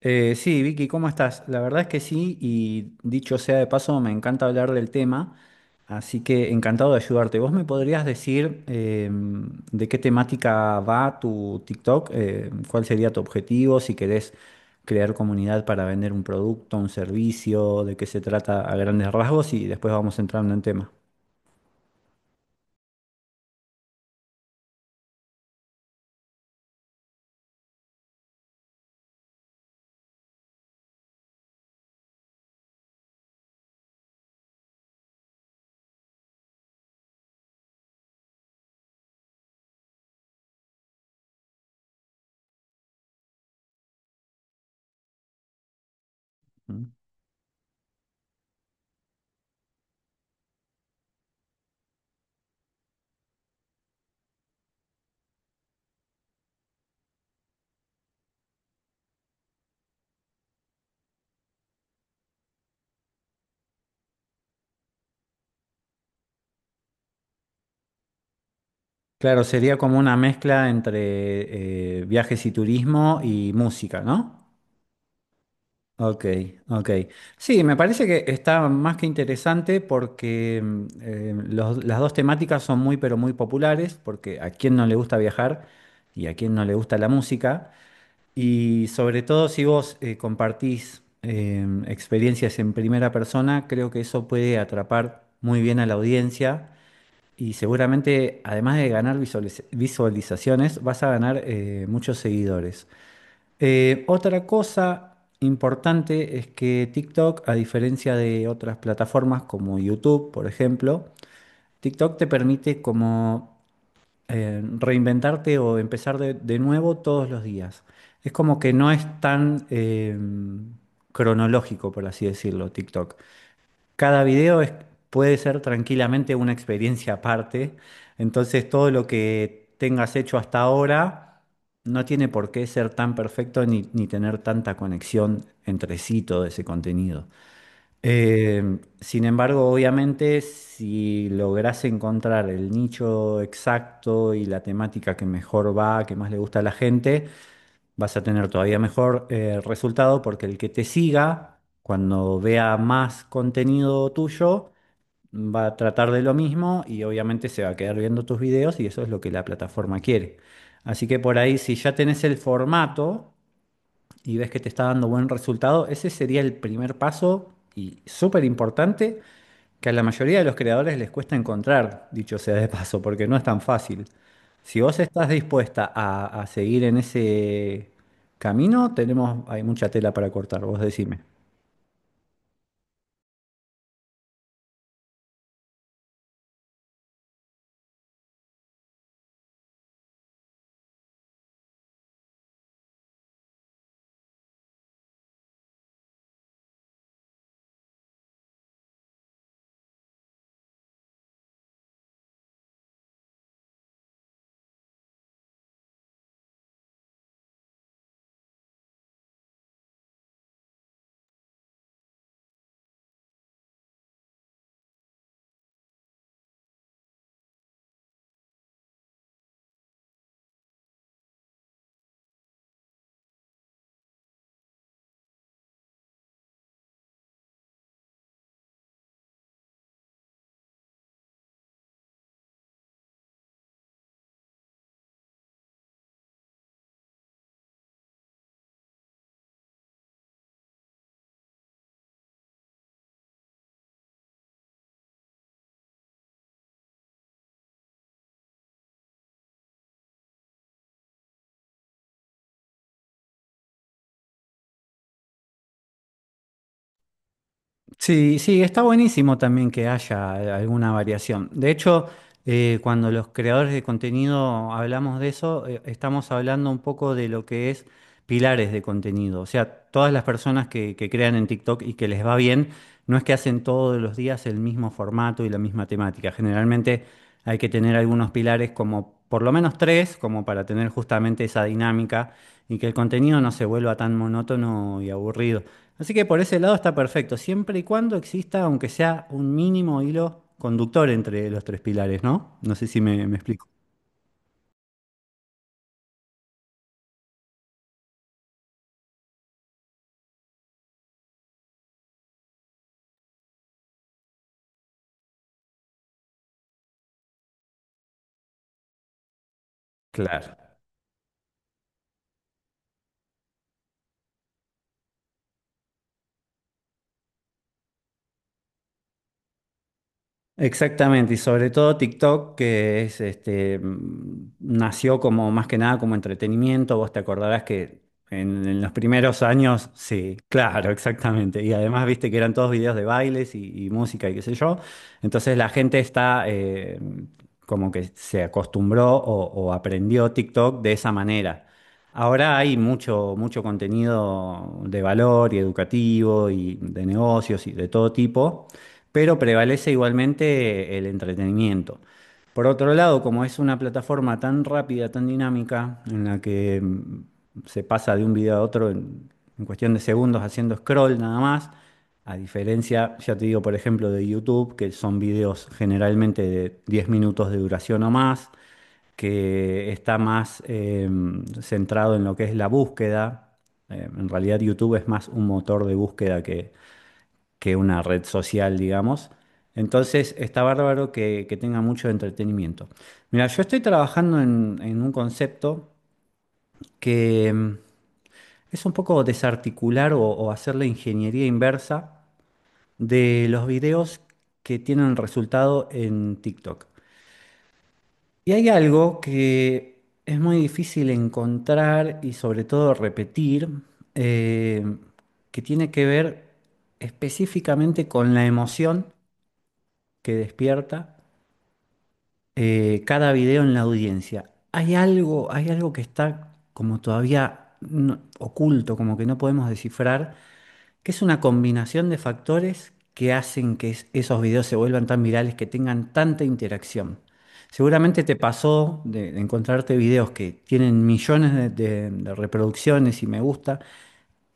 Sí, Vicky, ¿cómo estás? La verdad es que sí, y dicho sea de paso, me encanta hablar del tema, así que encantado de ayudarte. ¿Vos me podrías decir de qué temática va tu TikTok? ¿Cuál sería tu objetivo? Si querés crear comunidad para vender un producto, un servicio, de qué se trata a grandes rasgos y después vamos entrando en tema. ¿Mm? Claro, sería como una mezcla entre viajes y turismo y música, ¿no? Ok, ok. Sí, me parece que está más que interesante porque las dos temáticas son muy, pero muy populares, porque a quién no le gusta viajar y a quién no le gusta la música. Y sobre todo si vos compartís experiencias en primera persona, creo que eso puede atrapar muy bien a la audiencia y seguramente, además de ganar visualizaciones, vas a ganar muchos seguidores. Otra cosa importante es que TikTok, a diferencia de otras plataformas como YouTube, por ejemplo, TikTok te permite como reinventarte o empezar de nuevo todos los días. Es como que no es tan cronológico, por así decirlo, TikTok. Cada video puede ser tranquilamente una experiencia aparte, entonces todo lo que tengas hecho hasta ahora no tiene por qué ser tan perfecto ni tener tanta conexión entre sí todo ese contenido. Sin embargo, obviamente, si logras encontrar el nicho exacto y la temática que mejor va, que más le gusta a la gente, vas a tener todavía mejor resultado porque el que te siga, cuando vea más contenido tuyo, va a tratar de lo mismo y obviamente se va a quedar viendo tus videos y eso es lo que la plataforma quiere. Así que por ahí, si ya tenés el formato y ves que te está dando buen resultado, ese sería el primer paso y súper importante que a la mayoría de los creadores les cuesta encontrar, dicho sea de paso, porque no es tan fácil. Si vos estás dispuesta a seguir en ese camino, tenemos, hay mucha tela para cortar, vos decime. Sí, sí, está buenísimo también que haya alguna variación. De hecho, cuando los creadores de contenido hablamos de eso, estamos hablando un poco de lo que es pilares de contenido. O sea, todas las personas que crean en TikTok y que les va bien, no es que hacen todos los días el mismo formato y la misma temática. Generalmente hay que tener algunos pilares como por lo menos tres, como para tener justamente esa dinámica y que el contenido no se vuelva tan monótono y aburrido. Así que por ese lado está perfecto, siempre y cuando exista, aunque sea un mínimo hilo conductor entre los tres pilares, ¿no? No sé si me explico. Claro. Exactamente, y sobre todo TikTok, que es este, nació como más que nada como entretenimiento. Vos te acordarás que en los primeros años, sí, claro, exactamente. Y además viste que eran todos videos de bailes y música y qué sé yo. Entonces la gente está como que se acostumbró o aprendió TikTok de esa manera. Ahora hay mucho, mucho contenido de valor y educativo y de negocios y de todo tipo pero prevalece igualmente el entretenimiento. Por otro lado, como es una plataforma tan rápida, tan dinámica, en la que se pasa de un video a otro en cuestión de segundos haciendo scroll nada más, a diferencia, ya te digo, por ejemplo, de YouTube, que son videos generalmente de 10 minutos de duración o más, que está más centrado en lo que es la búsqueda. En realidad YouTube es más un motor de búsqueda que una red social, digamos. Entonces, está bárbaro que tenga mucho entretenimiento. Mira, yo estoy trabajando en un concepto que es un poco desarticular o hacer la ingeniería inversa de los videos que tienen resultado en TikTok. Y hay algo que es muy difícil encontrar y sobre todo repetir, eh, que tiene que ver específicamente con la emoción que despierta cada video en la audiencia. Hay algo que está como todavía oculto, como que no podemos descifrar, que es una combinación de factores que hacen que esos videos se vuelvan tan virales, que tengan tanta interacción. Seguramente te pasó de encontrarte videos que tienen millones de reproducciones y me gusta,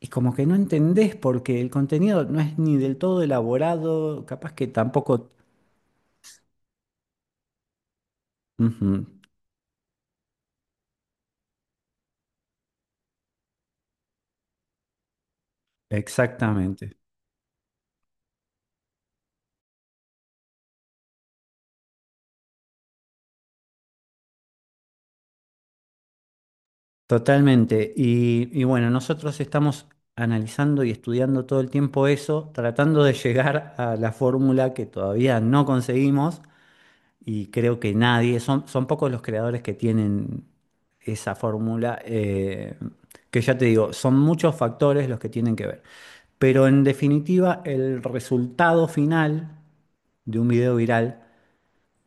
y como que no entendés porque el contenido no es ni del todo elaborado, capaz que tampoco... Ujú, exactamente. Totalmente. Y bueno, nosotros estamos analizando y estudiando todo el tiempo eso, tratando de llegar a la fórmula que todavía no conseguimos y creo que nadie, son pocos los creadores que tienen esa fórmula, que ya te digo, son muchos factores los que tienen que ver. Pero en definitiva, el resultado final de un video viral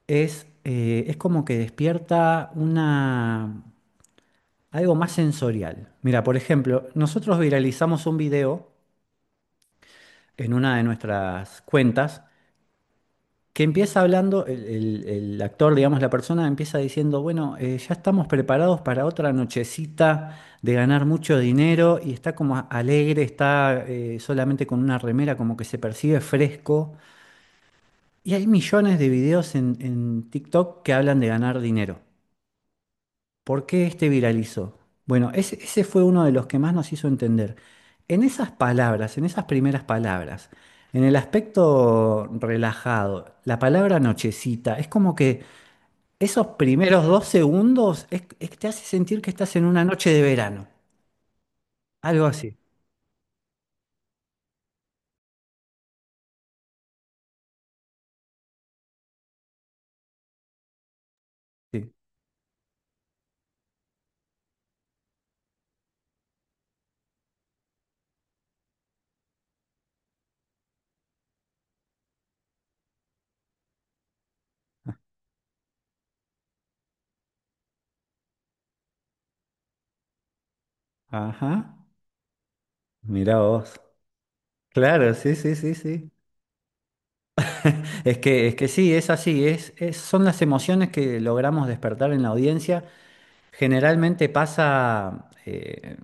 es como que despierta algo más sensorial. Mira, por ejemplo, nosotros viralizamos un video en una de nuestras cuentas que empieza hablando, el actor, digamos, la persona empieza diciendo, bueno, ya estamos preparados para otra nochecita de ganar mucho dinero y está como alegre, está solamente con una remera, como que se percibe fresco. Y hay millones de videos en TikTok que hablan de ganar dinero. ¿Por qué este viralizó? Bueno, ese fue uno de los que más nos hizo entender. En esas palabras, en esas primeras palabras, en el aspecto relajado, la palabra nochecita, es como que esos primeros 2 segundos es que te hace sentir que estás en una noche de verano, algo así. Sí. Ajá, mirá vos. Claro, sí, sí, sí, sí. Es que sí, es así, son las emociones que logramos despertar en la audiencia. Generalmente pasa,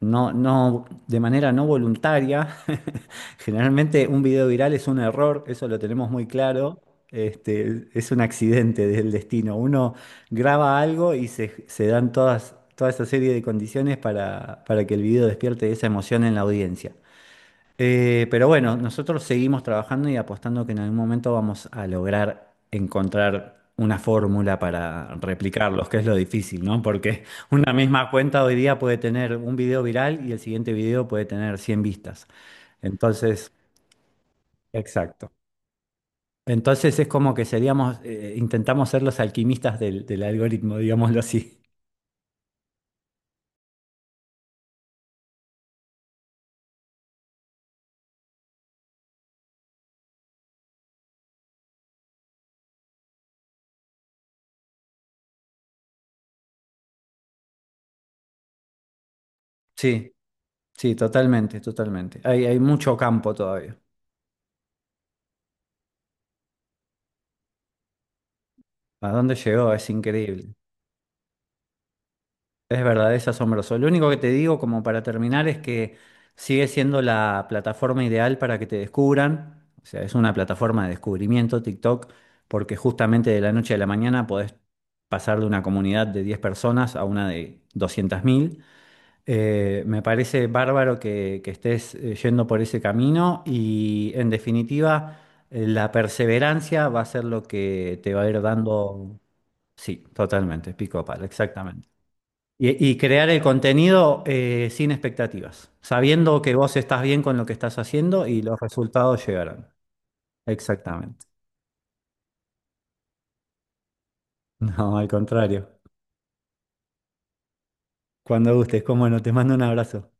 no, no, de manera no voluntaria. Generalmente un video viral es un error, eso lo tenemos muy claro. Este, es un accidente del destino. Uno graba algo y se dan toda esa serie de condiciones para que el video despierte esa emoción en la audiencia. Pero bueno, nosotros seguimos trabajando y apostando que en algún momento vamos a lograr encontrar una fórmula para replicarlos, que es lo difícil, ¿no? Porque una misma cuenta hoy día puede tener un video viral y el siguiente video puede tener 100 vistas. Entonces, exacto. Entonces es como que intentamos ser los alquimistas del algoritmo, digámoslo así. Sí, sí, totalmente, totalmente. Hay mucho campo todavía. ¿A dónde llegó? Es increíble. Es verdad, es asombroso. Lo único que te digo, como para terminar, es que sigue siendo la plataforma ideal para que te descubran. O sea, es una plataforma de descubrimiento, TikTok, porque justamente de la noche a la mañana podés pasar de una comunidad de 10 personas a una de 200.000. Me parece bárbaro que estés yendo por ese camino y, en definitiva, la perseverancia va a ser lo que te va a ir dando. Sí, totalmente, pico a palo, exactamente. Y crear el contenido sin expectativas, sabiendo que vos estás bien con lo que estás haciendo y los resultados llegarán. Exactamente. No, al contrario. Cuando gustes, cómo no, te mando un abrazo.